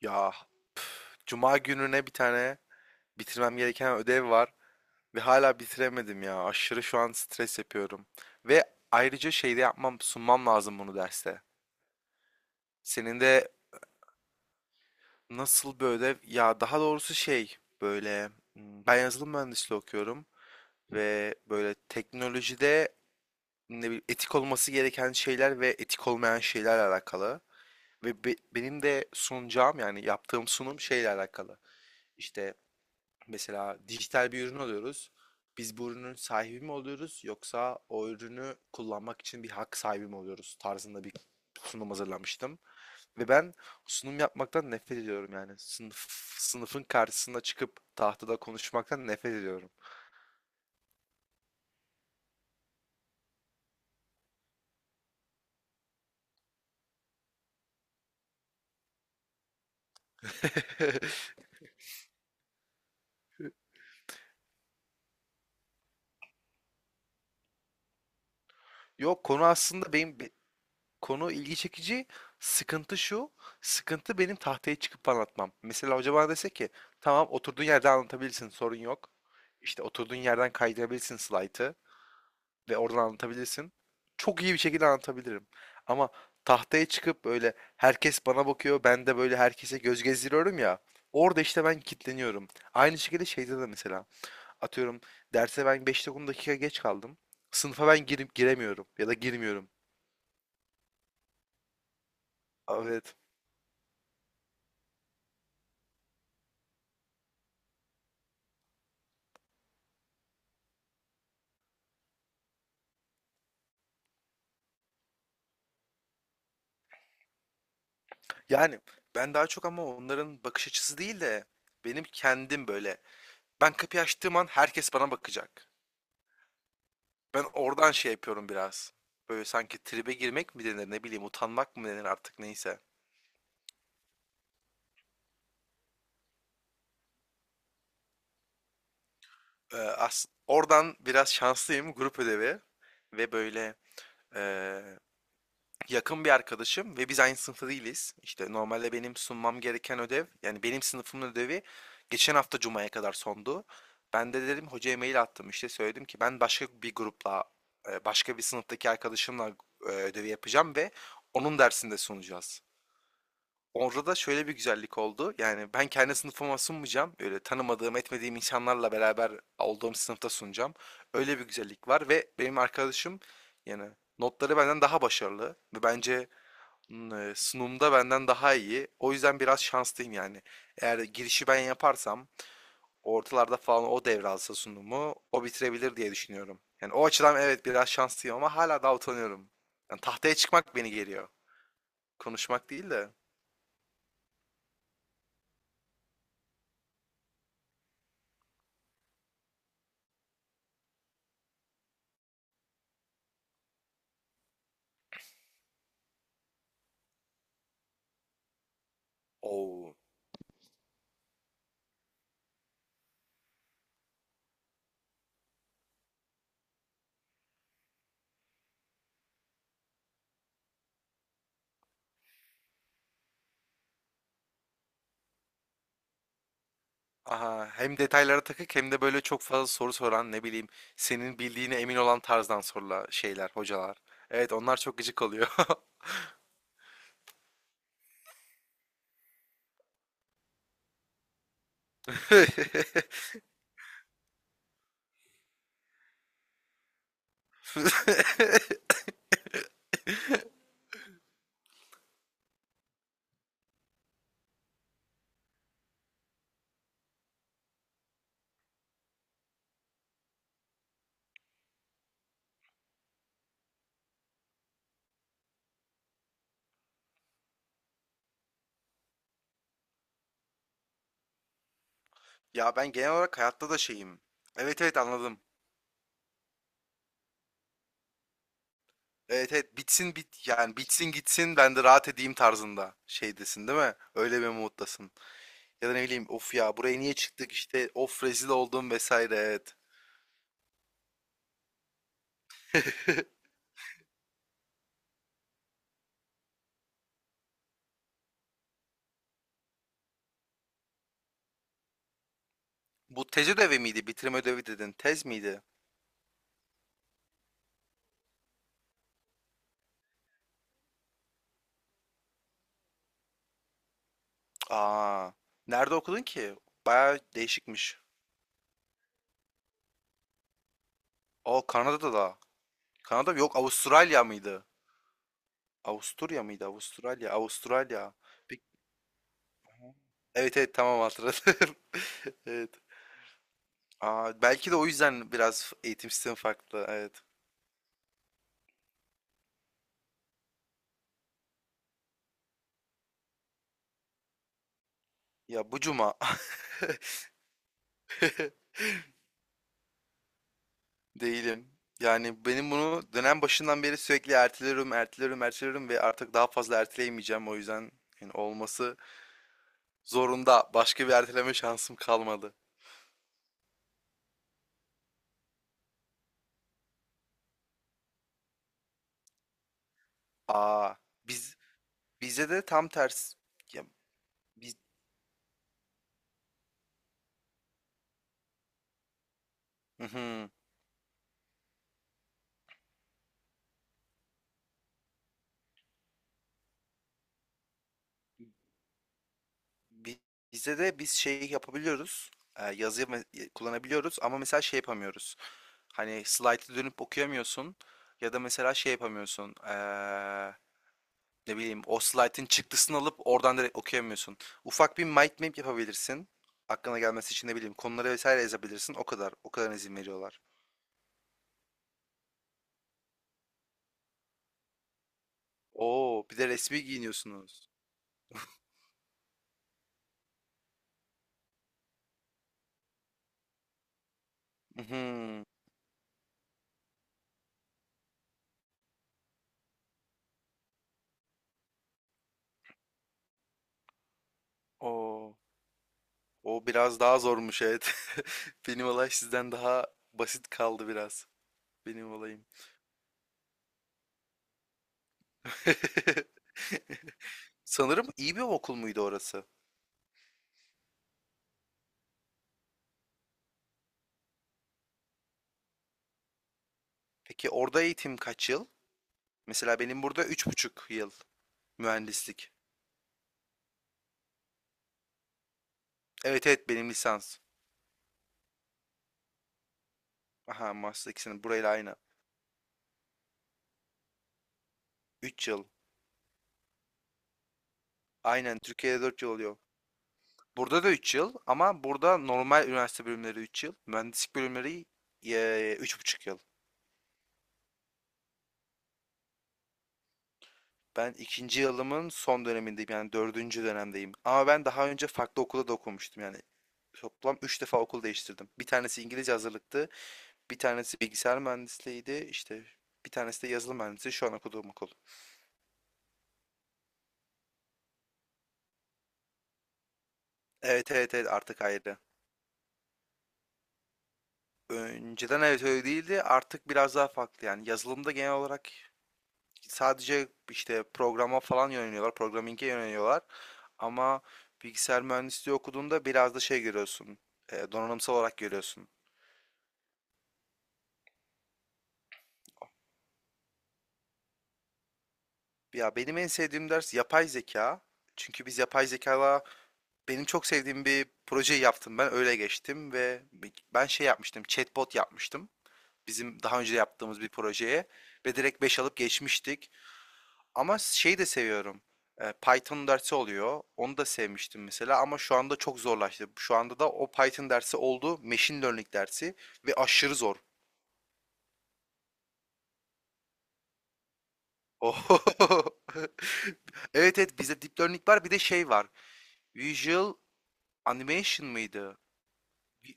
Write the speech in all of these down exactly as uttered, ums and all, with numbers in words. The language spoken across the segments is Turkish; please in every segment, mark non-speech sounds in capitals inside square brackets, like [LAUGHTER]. Ya cuma gününe bir tane bitirmem gereken ödev var ve hala bitiremedim ya. Aşırı şu an stres yapıyorum. Ve ayrıca şeyde yapmam, sunmam lazım bunu derste. Senin de nasıl bir ödev? Ya daha doğrusu şey böyle hmm, ben yazılım mühendisliği okuyorum ve böyle teknolojide ne bileyim, etik olması gereken şeyler ve etik olmayan şeylerle alakalı. Ve be- benim de sunacağım yani yaptığım sunum şeyle alakalı. İşte Mesela dijital bir ürün alıyoruz. Biz bu ürünün sahibi mi oluyoruz yoksa o ürünü kullanmak için bir hak sahibi mi oluyoruz tarzında bir sunum hazırlamıştım. Ve ben sunum yapmaktan nefret ediyorum yani. Sınıf, sınıfın karşısına çıkıp tahtada konuşmaktan nefret ediyorum. [LAUGHS] Yok, konu aslında benim be- konu ilgi çekici. Sıkıntı şu. Sıkıntı benim tahtaya çıkıp anlatmam. Mesela hoca bana dese ki tamam oturduğun yerde anlatabilirsin, sorun yok. İşte oturduğun yerden kaydırabilirsin slaytı ve oradan anlatabilirsin. Çok iyi bir şekilde anlatabilirim. Ama tahtaya çıkıp böyle herkes bana bakıyor, ben de böyle herkese göz gezdiriyorum ya. Orada işte ben kilitleniyorum. Aynı şekilde şeyde de mesela. Atıyorum derse ben beş on dakika geç kaldım. Sınıfa ben girip giremiyorum ya da girmiyorum. Evet. Yani ben daha çok ama onların bakış açısı değil de benim kendim böyle. Ben kapıyı açtığım an herkes bana bakacak. Ben oradan şey yapıyorum biraz. Böyle sanki tribe girmek mi denir, ne bileyim, utanmak mı denir, artık neyse. Ee, as Oradan biraz şanslıyım, grup ödevi ve böyle eee, yakın bir arkadaşım ve biz aynı sınıfta değiliz. İşte normalde benim sunmam gereken ödev, yani benim sınıfımın ödevi, geçen hafta Cuma'ya kadar sondu. Ben de dedim, hocaya mail attım, işte söyledim ki ben başka bir grupla, e, başka bir sınıftaki arkadaşımla, e, ödevi yapacağım ve onun dersinde sunacağız. Orada da şöyle bir güzellik oldu. Yani ben kendi sınıfıma sunmayacağım. Öyle tanımadığım, etmediğim insanlarla beraber olduğum sınıfta sunacağım. Öyle bir güzellik var ve benim arkadaşım, yani notları benden daha başarılı ve bence mm, e, sunumda benden daha iyi. O yüzden biraz şanslıyım yani. Eğer girişi ben yaparsam, ortalarda falan o devralsa sunumu, o bitirebilir diye düşünüyorum. Yani o açıdan evet biraz şanslıyım ama hala daha utanıyorum. Yani tahtaya çıkmak beni geriyor. Konuşmak değil de. Oo. Aha, hem detaylara takık hem de böyle çok fazla soru soran, ne bileyim, senin bildiğine emin olan tarzdan sorular şeyler hocalar. Evet, onlar çok gıcık oluyor. [LAUGHS] Ya ben genel olarak hayatta da şeyim. Evet evet anladım. Evet evet, bitsin bit yani bitsin gitsin, ben de rahat edeyim tarzında şeydesin değil mi? Öyle bir moddasın. Ya da ne bileyim, of ya, buraya niye çıktık işte, of rezil oldum vesaire, evet. Bu tez ödevi miydi? Bitirme ödevi dedin. Tez miydi? Aa, nerede okudun ki? Baya değişikmiş. O Kanada'da da. Kanada mı? Yok, Avustralya mıydı? Avusturya mıydı? Avustralya. Avustralya. Peki- Evet evet tamam, hatırladım. [LAUGHS] Evet. Aa, belki de o yüzden biraz eğitim sistemi farklı. Evet. Ya, bu cuma. [LAUGHS] Değilim. Yani benim bunu dönem başından beri sürekli erteliyorum, erteliyorum, erteliyorum ve artık daha fazla erteleyemeyeceğim. O yüzden yani olması zorunda. Başka bir erteleme şansım kalmadı. Aa, biz bizde de tam tersi. Ya, biz, Mhm. Bi- Bizde de biz şey yapabiliyoruz. e, Yazı me- kullanabiliyoruz ama mesela şey yapamıyoruz. Hani slaytı dönüp okuyamıyorsun ya da mesela şey yapamıyorsun. Eee, ne bileyim, o slaytın çıktısını alıp oradan direkt okuyamıyorsun. Ufak bir mind map yapabilirsin. Aklına gelmesi için ne bileyim konuları vesaire yazabilirsin. O kadar. O kadar izin veriyorlar. Oo, bir de resmi giyiniyorsunuz. Mhm. Oo. O biraz daha zormuş evet. [LAUGHS] Benim olay sizden daha basit kaldı biraz. Benim olayım. [LAUGHS] Sanırım iyi bir okul muydu orası? Peki orada eğitim kaç yıl? Mesela benim burada üç buçuk yıl mühendislik. Evet evet, benim lisans. Aha, master ikisinin burayla aynı. Üç yıl. Aynen, Türkiye'de dört yıl oluyor. Burada da üç yıl ama burada normal üniversite bölümleri üç yıl. Mühendislik bölümleri üç buçuk yıl. Ben ikinci yılımın son dönemindeyim, yani dördüncü dönemdeyim. Ama ben daha önce farklı okulda da okumuştum yani. Toplam üç defa okul değiştirdim. Bir tanesi İngilizce hazırlıktı, bir tanesi bilgisayar mühendisliğiydi, işte bir tanesi de yazılım mühendisliği şu an okuduğum okul. Evet evet evet artık ayrı. Önceden evet öyle değildi, artık biraz daha farklı. Yani yazılımda genel olarak sadece işte programa falan yöneliyorlar, programming'e yöneliyorlar. Ama bilgisayar mühendisliği okuduğunda biraz da şey görüyorsun, e, donanımsal olarak görüyorsun. Ya benim en sevdiğim ders yapay zeka. Çünkü biz yapay zekayla benim çok sevdiğim bir projeyi yaptım. Ben öyle geçtim ve ben şey yapmıştım, chatbot yapmıştım. Bizim daha önce yaptığımız bir projeye ve direkt beş alıp geçmiştik. Ama şeyi de seviyorum. E, Python dersi oluyor. Onu da sevmiştim mesela ama şu anda çok zorlaştı. Şu anda da o Python dersi oldu, machine learning dersi ve aşırı zor. [LAUGHS] Oh. Evet evet, bizde deep learning var, bir de şey var. Visual Animation mıydı? Vi-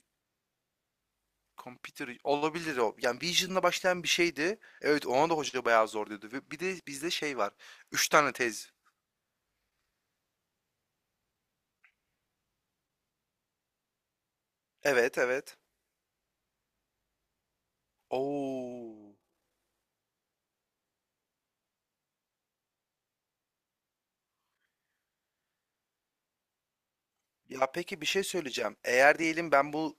Computer olabilir o. Yani Vision'la başlayan bir şeydi. Evet, ona da hoca bayağı zor diyordu. Ve bir de bizde şey var. Üç tane tez. Evet evet. Oo. Ya peki bir şey söyleyeceğim. Eğer diyelim ben bu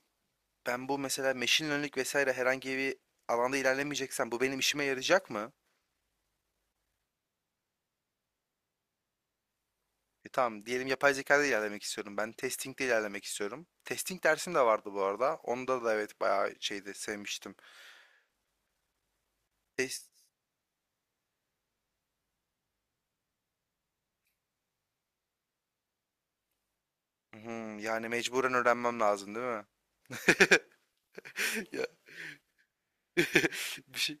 ben bu mesela machine learning vesaire herhangi bir alanda ilerlemeyeceksem bu benim işime yarayacak mı? E tamam, diyelim yapay zekada ilerlemek istiyorum. Ben testing'de ilerlemek istiyorum. Testing dersim de vardı bu arada. Onda da evet bayağı şeydi, sevmiştim. Test Hımm, yani mecburen öğrenmem lazım değil mi? [LAUGHS] Ya [LAUGHS] bir şey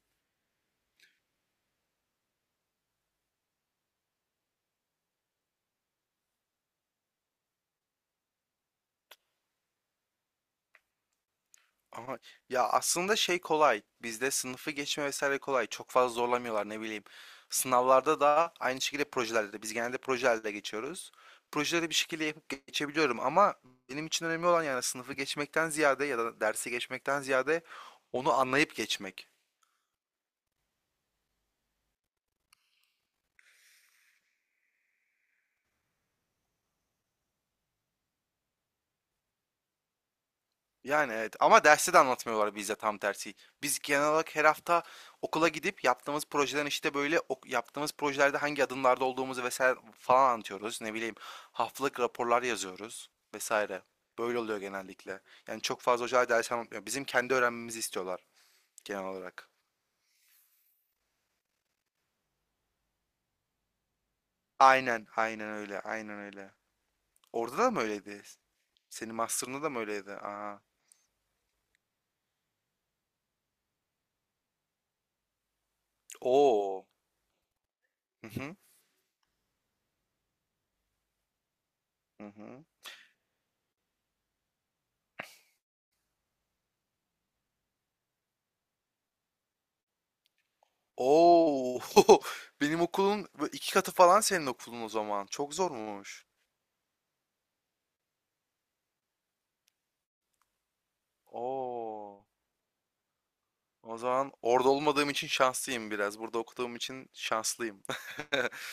Aha, ya aslında şey kolay. Bizde sınıfı geçme vesaire kolay. Çok fazla zorlamıyorlar ne bileyim. Sınavlarda da aynı şekilde, projelerde de. Biz genelde projelerde geçiyoruz. Projeleri bir şekilde yapıp geçebiliyorum ama benim için önemli olan yani sınıfı geçmekten ziyade ya da dersi geçmekten ziyade onu anlayıp geçmek. Yani evet ama derste de anlatmıyorlar bize, tam tersi. Biz genel olarak her hafta okula gidip yaptığımız projelerin işte böyle ok- yaptığımız projelerde hangi adımlarda olduğumuzu vesaire falan anlatıyoruz. Ne bileyim, haftalık raporlar yazıyoruz vesaire. Böyle oluyor genellikle. Yani çok fazla hocalar ders anlatmıyor. Bizim kendi öğrenmemizi istiyorlar genel olarak. Aynen, aynen öyle, aynen öyle. Orada da mı öyleydi? Senin master'ında da mı öyleydi? Aa. Oo. Hı hı. Hı hı. O! [LAUGHS] Benim okulun bö iki katı falan senin okulun o zaman. Çok zormuş. O! O zaman orada olmadığım için şanslıyım biraz. Burada okuduğum için şanslıyım. [LAUGHS]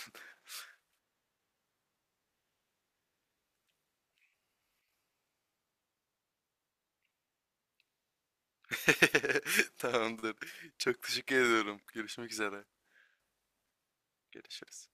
Tamamdır. Çok teşekkür ediyorum. Görüşmek üzere. Görüşürüz.